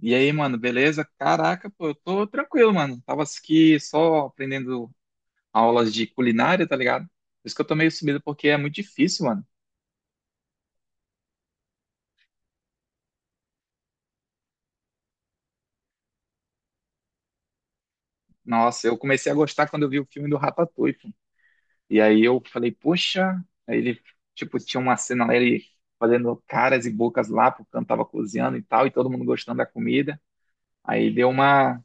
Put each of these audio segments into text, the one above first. E aí, mano, beleza? Caraca, pô, eu tô tranquilo, mano. Tava aqui só aprendendo aulas de culinária, tá ligado? Por isso que eu tô meio sumido, porque é muito difícil, mano. Nossa, eu comecei a gostar quando eu vi o filme do Ratatouille, pô. E aí eu falei, poxa, aí ele, tipo, tinha uma cena lá, ele fazendo caras e bocas lá, porque eu tava cozinhando e tal, e todo mundo gostando da comida. Aí deu uma,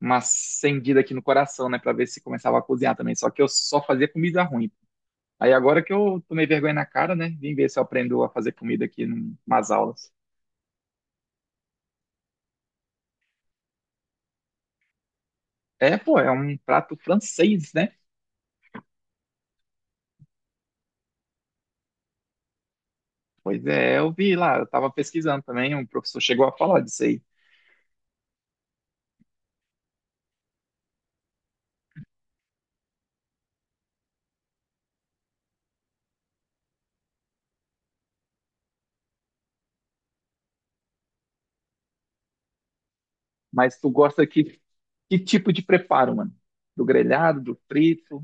uma acendida aqui no coração, né, pra ver se começava a cozinhar também. Só que eu só fazia comida ruim. Aí agora que eu tomei vergonha na cara, né? Vim ver se eu aprendo a fazer comida aqui nas aulas. É, pô, é um prato francês, né? Pois é, eu vi lá, eu tava pesquisando também, um professor chegou a falar disso aí. Mas tu gosta que tipo de preparo, mano? Do grelhado, do frito?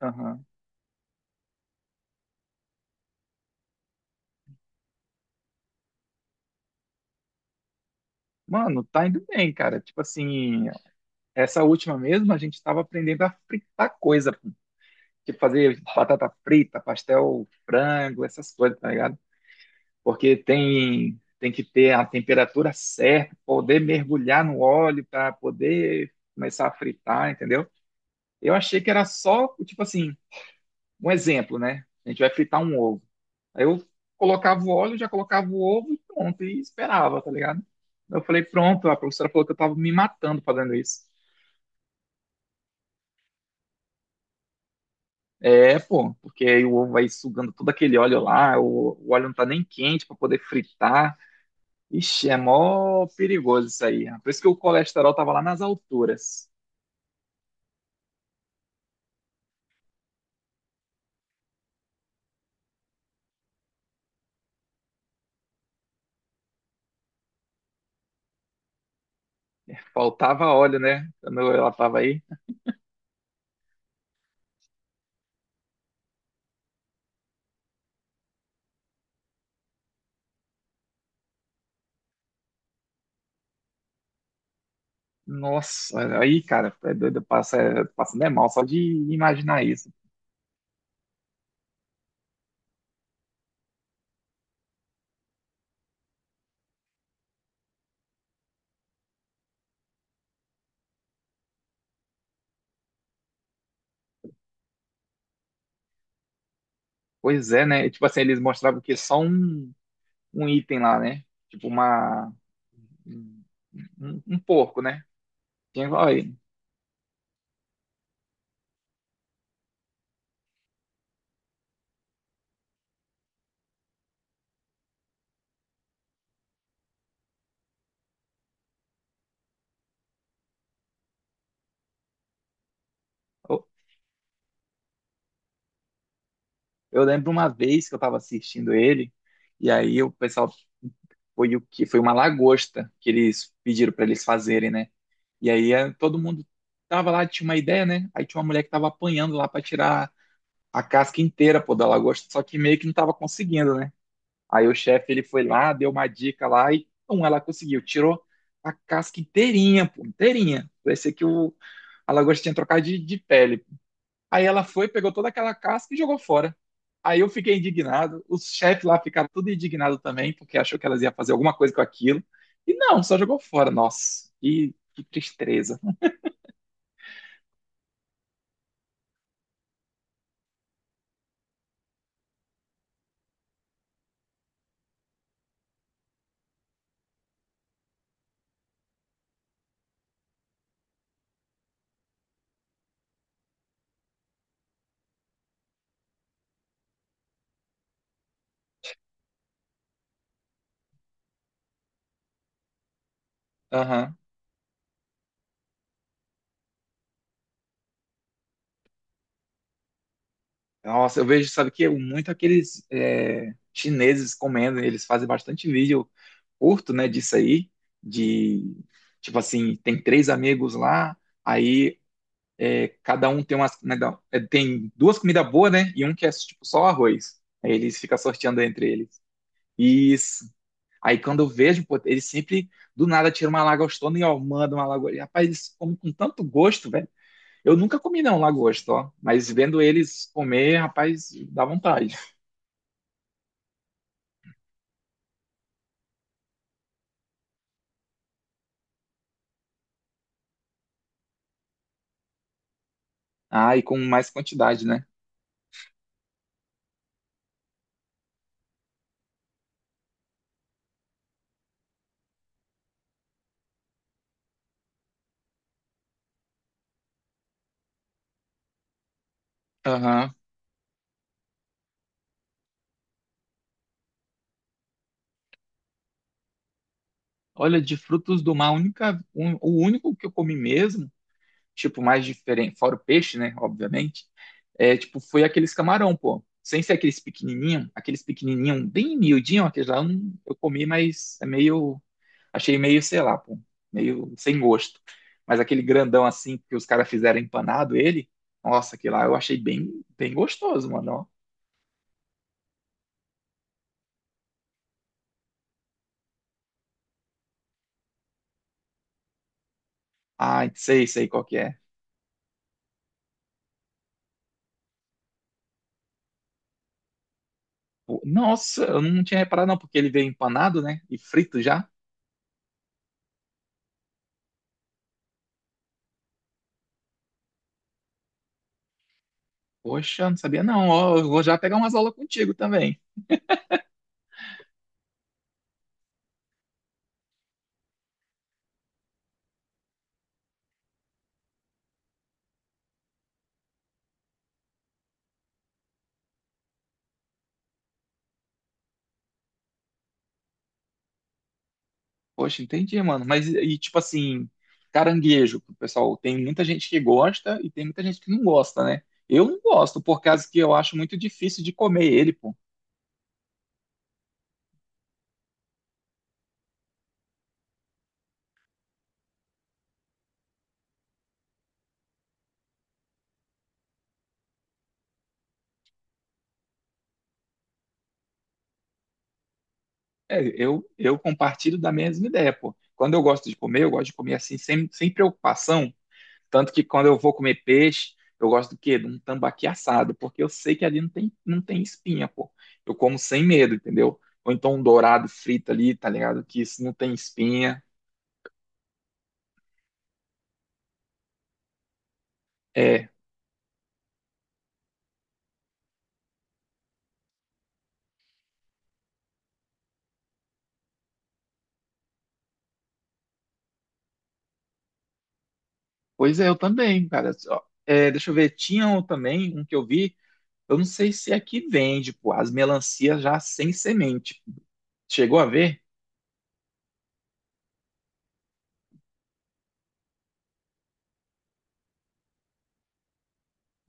Aham. Mano, tá indo bem, cara. Tipo assim, essa última mesmo, a gente estava aprendendo a fritar coisa, tipo fazer batata frita, pastel, frango, essas coisas, tá ligado? Porque tem que ter a temperatura certa, poder mergulhar no óleo para poder começar a fritar, entendeu? Eu achei que era só, tipo assim, um exemplo, né? A gente vai fritar um ovo. Aí eu colocava o óleo, já colocava o ovo e pronto, e esperava, tá ligado? Eu falei, pronto, a professora falou que eu tava me matando fazendo isso. É, pô, porque aí o ovo vai sugando todo aquele óleo lá, o óleo não tá nem quente pra poder fritar. Ixi, é mó perigoso isso aí. Por isso que o colesterol tava lá nas alturas. Faltava óleo, né? Quando ela tava aí. Nossa, aí, cara, é doido, passa né, mal só de imaginar isso. Pois é, né? Tipo assim, eles mostravam que só um item lá, né? Tipo uma um, um um porco, né? Tinha, olha aí. Eu lembro uma vez que eu estava assistindo ele, e aí o pessoal foi o que foi uma lagosta que eles pediram para eles fazerem, né? E aí todo mundo tava lá, tinha uma ideia, né? Aí tinha uma mulher que tava apanhando lá para tirar a casca inteira, pô, da lagosta, só que meio que não tava conseguindo, né? Aí o chefe ele foi lá, deu uma dica lá e pum, ela conseguiu, tirou a casca inteirinha, pô, inteirinha. Parecia que o a lagosta tinha trocado de pele. Aí ela foi, pegou toda aquela casca e jogou fora. Aí eu fiquei indignado, os chefes lá ficaram tudo indignado também, porque achou que elas iam fazer alguma coisa com aquilo. E não, só jogou fora. Nossa, que tristeza. Aham. Nossa, eu vejo, sabe que muito aqueles é, chineses comendo, eles fazem bastante vídeo curto, né, disso aí, de tipo assim, tem três amigos lá, aí é, cada um tem umas, né, tem duas comidas boas, né? E um que é tipo só arroz. Aí eles ficam sorteando entre eles. Isso. Aí quando eu vejo, pô, eles sempre do nada tiram uma lagostona e ó, manda uma lagosta. E, rapaz, eles comem com tanto gosto, velho. Eu nunca comi não lagosta, ó, mas vendo eles comer, rapaz, dá vontade. Ah, e com mais quantidade, né? Aham. Olha, de frutos do mar, a única, o único que eu comi mesmo tipo, mais diferente, fora o peixe, né, obviamente, é, tipo, foi aqueles camarão, pô. Sem ser aqueles pequenininho bem miudinho, aqueles lá eu eu comi, mas é meio, achei meio, sei lá, pô, meio sem gosto. Mas aquele grandão assim que os caras fizeram empanado ele, nossa, aquele lá eu achei bem, bem gostoso, mano. Ó. Ah, sei, sei qual que é. Pô, nossa, eu não tinha reparado não, porque ele veio empanado, né, e frito já. Poxa, não sabia não, ó, eu vou já pegar umas aulas contigo também. Poxa, entendi, mano. Mas e tipo assim, caranguejo, pessoal, tem muita gente que gosta e tem muita gente que não gosta, né? Eu não gosto, por causa que eu acho muito difícil de comer ele, pô. É, eu compartilho da mesma ideia, pô. Quando eu gosto de comer, eu gosto de comer assim, sem preocupação. Tanto que quando eu vou comer peixe, eu gosto do quê? De um tambaqui assado, porque eu sei que ali não tem espinha, pô. Eu como sem medo, entendeu? Ou então um dourado frito ali, tá ligado? Que isso não tem espinha. É, pois é, eu também, cara. Ó, é, deixa eu ver, tinha um também, um que eu vi, eu não sei se aqui vende, pô, as melancias já sem semente. Chegou a ver?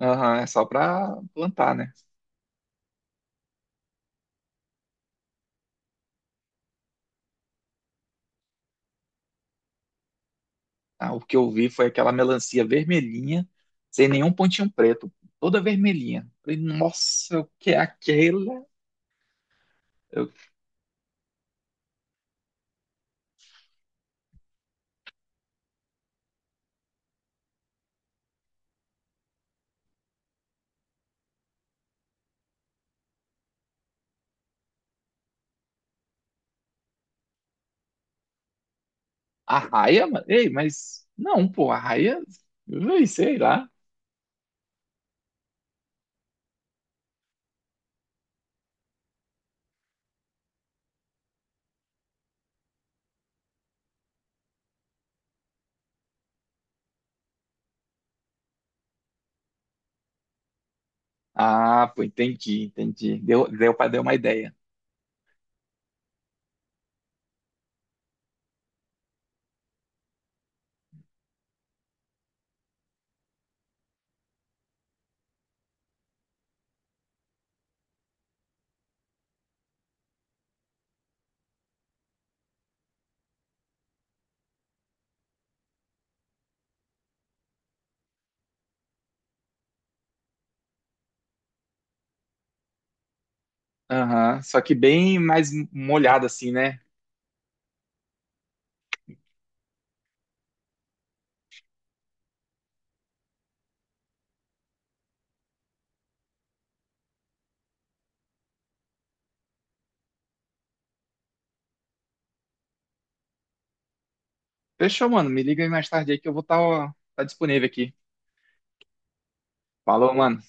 Aham, é só pra plantar, né? Ah, o que eu vi foi aquela melancia vermelhinha, sem nenhum pontinho preto, toda vermelhinha. Falei, nossa, o que é aquela? Eu, arraia? Ei, mas não, pô, arraia? Ei, sei lá. Ah, pô, entendi, entendi. Deu para dar uma ideia. Aham, só que bem mais molhado assim, né? Fechou, mano. Me liga aí mais tarde aí que eu vou estar tá disponível aqui. Falou, mano.